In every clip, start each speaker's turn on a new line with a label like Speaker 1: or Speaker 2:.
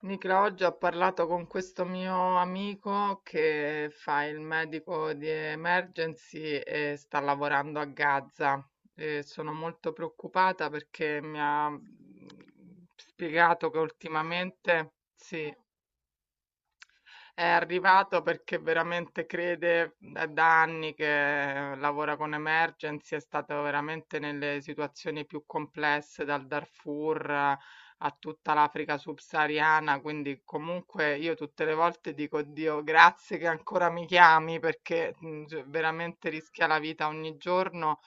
Speaker 1: Nicola, oggi ho parlato con questo mio amico che fa il medico di Emergency e sta lavorando a Gaza. E sono molto preoccupata perché mi ha spiegato che ultimamente, sì, è arrivato perché veramente crede, è da anni che lavora con Emergency, è stato veramente nelle situazioni più complesse, dal Darfur a tutta l'Africa subsahariana, quindi comunque io tutte le volte dico Dio, grazie che ancora mi chiami perché cioè, veramente rischia la vita ogni giorno.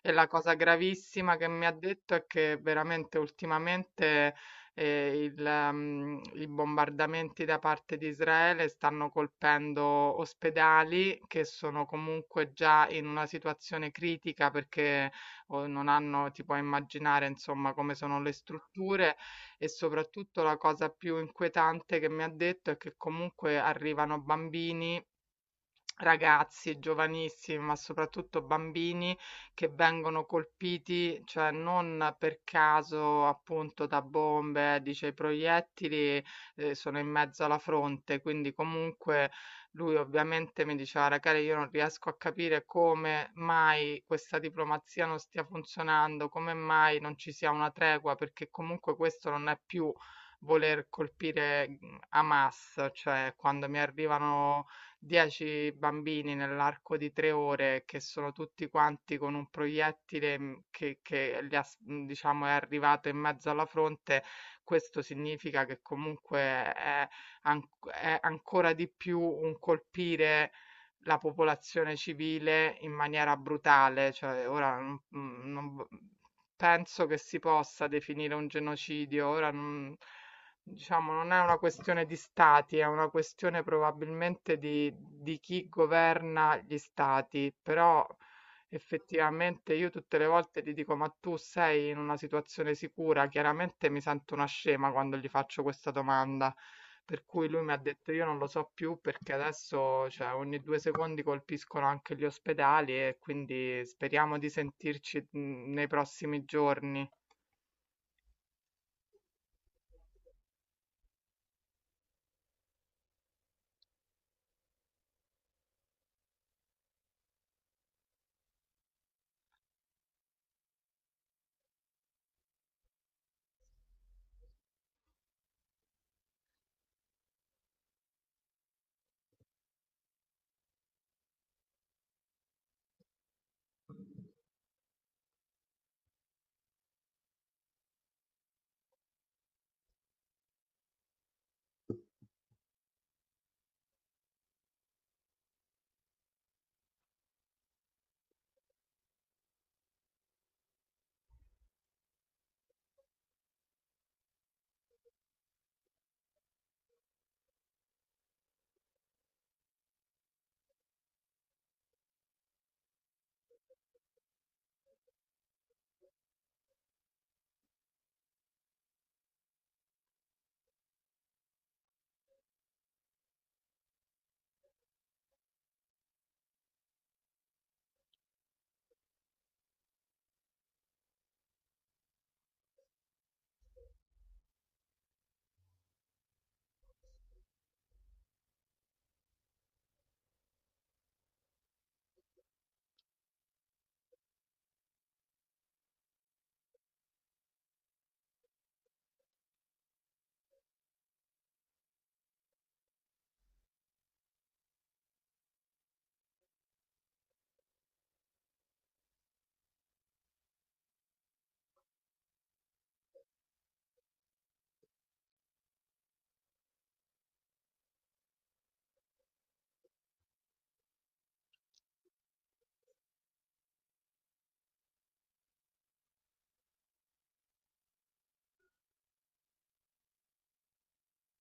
Speaker 1: E la cosa gravissima che mi ha detto è che veramente ultimamente i bombardamenti da parte di Israele stanno colpendo ospedali che sono comunque già in una situazione critica perché o non hanno ti puoi immaginare, insomma, come sono le strutture e soprattutto la cosa più inquietante che mi ha detto è che comunque arrivano bambini ragazzi giovanissimi, ma soprattutto bambini che vengono colpiti, cioè non per caso appunto da bombe, dice i proiettili sono in mezzo alla fronte, quindi comunque lui ovviamente mi diceva, ragazzi, io non riesco a capire come mai questa diplomazia non stia funzionando, come mai non ci sia una tregua, perché comunque questo non è più voler colpire Hamas, cioè quando mi arrivano 10 bambini nell'arco di 3 ore che sono tutti quanti con un proiettile, che li ha diciamo è arrivato in mezzo alla fronte, questo significa che comunque è anc è ancora di più un colpire la popolazione civile in maniera brutale. Cioè ora non mhmm, non v penso che si possa definire un genocidio. Ora non. Diciamo, non è una questione di stati, è una questione probabilmente di chi governa gli stati, però effettivamente io tutte le volte gli dico, ma tu sei in una situazione sicura? Chiaramente mi sento una scema quando gli faccio questa domanda, per cui lui mi ha detto, io non lo so più perché adesso, cioè, ogni 2 secondi colpiscono anche gli ospedali e quindi speriamo di sentirci nei prossimi giorni.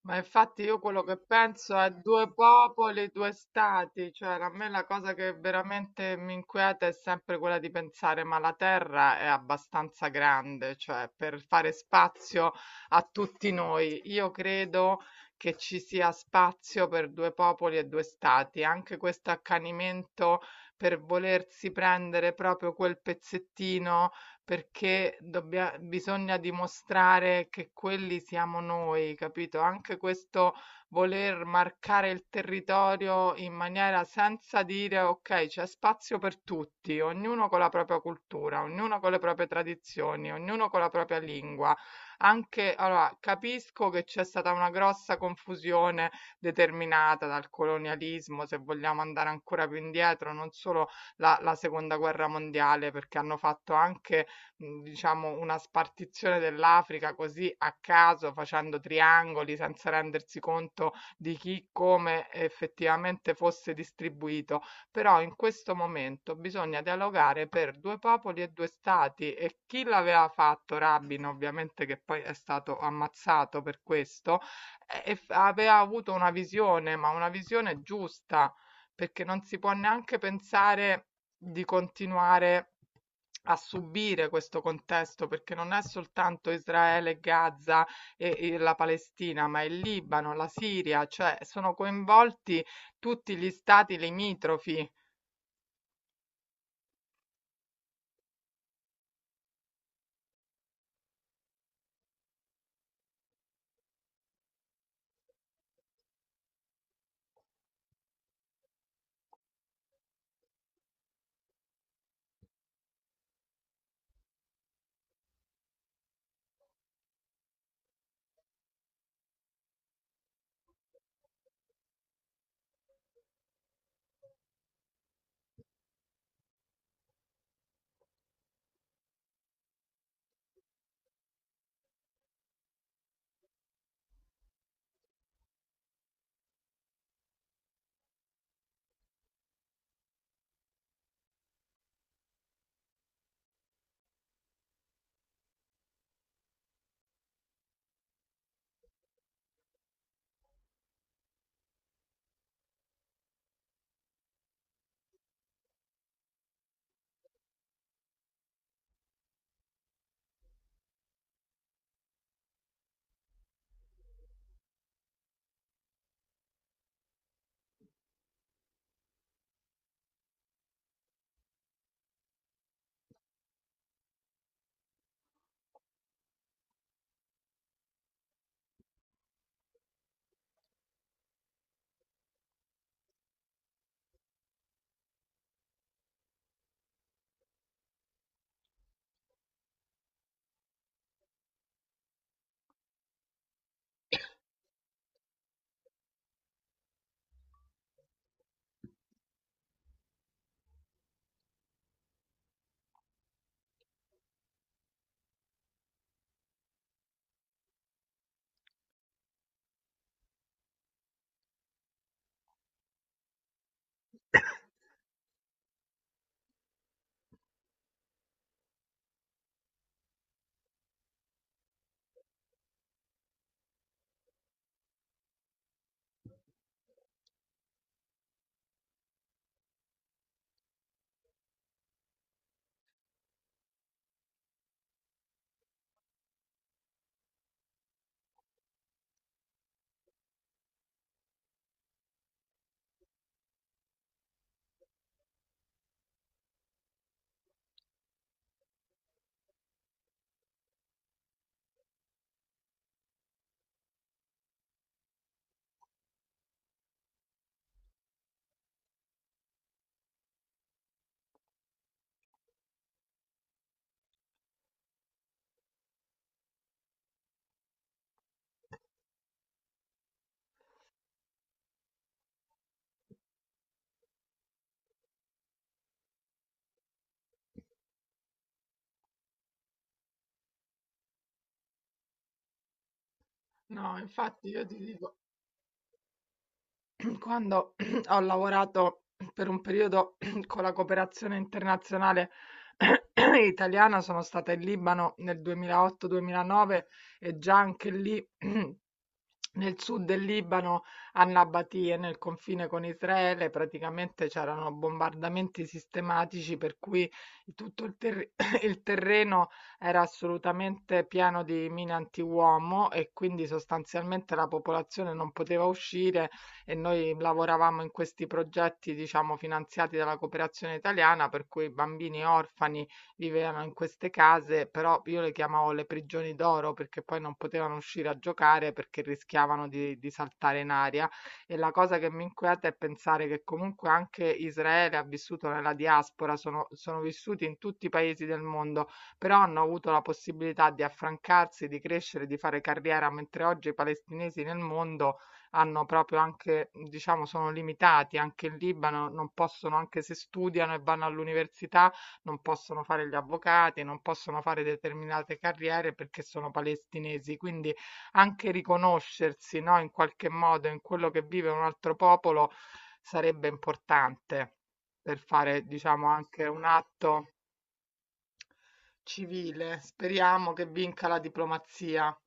Speaker 1: Ma infatti io quello che penso è due popoli, due stati, cioè a me la cosa che veramente mi inquieta è sempre quella di pensare, ma la Terra è abbastanza grande, cioè per fare spazio a tutti noi. Io credo che ci sia spazio per due popoli e due stati, anche questo accanimento per volersi prendere proprio quel pezzettino perché dobbia bisogna dimostrare che quelli siamo noi, capito? Anche questo voler marcare il territorio in maniera senza dire: "Okay, c'è spazio per tutti", ognuno con la propria cultura, ognuno con le proprie tradizioni, ognuno con la propria lingua. Anche allora, capisco che c'è stata una grossa confusione determinata dal colonialismo, se vogliamo andare ancora più indietro, non solo la seconda guerra mondiale, perché hanno fatto anche diciamo una spartizione dell'Africa così a caso, facendo triangoli senza rendersi conto di chi, come effettivamente fosse distribuito. Però in questo momento bisogna dialogare per due popoli e due stati e chi l'aveva fatto, Rabin ovviamente che poi è stato ammazzato per questo, e f aveva avuto una visione, ma una visione giusta, perché non si può neanche pensare di continuare a subire questo contesto, perché non è soltanto Israele, Gaza e la Palestina, ma il Libano, la Siria, cioè sono coinvolti tutti gli stati limitrofi. No, infatti io ti dico, quando ho lavorato per un periodo con la cooperazione internazionale italiana, sono stata in Libano nel 2008-2009 e già anche lì nel sud del Libano, a Nabatie, nel confine con Israele, praticamente c'erano bombardamenti sistematici per cui tutto il terreno era assolutamente pieno di mine antiuomo e quindi sostanzialmente la popolazione non poteva uscire e noi lavoravamo in questi progetti, diciamo, finanziati dalla cooperazione italiana, per cui i bambini orfani vivevano in queste case, però io le chiamavo le prigioni d'oro perché poi non potevano uscire a giocare perché rischiavano di saltare in aria. E la cosa che mi inquieta è pensare che comunque anche Israele ha vissuto nella diaspora, sono vissuti in tutti i paesi del mondo, però hanno avuto la possibilità di affrancarsi, di crescere, di fare carriera, mentre oggi i palestinesi nel mondo hanno proprio anche, diciamo, sono limitati anche in Libano, non possono, anche se studiano e vanno all'università, non possono fare gli avvocati, non possono fare determinate carriere perché sono palestinesi. Quindi anche riconoscersi, no, in qualche modo in quello che vive un altro popolo sarebbe importante per fare, diciamo, anche un atto civile. Speriamo che vinca la diplomazia.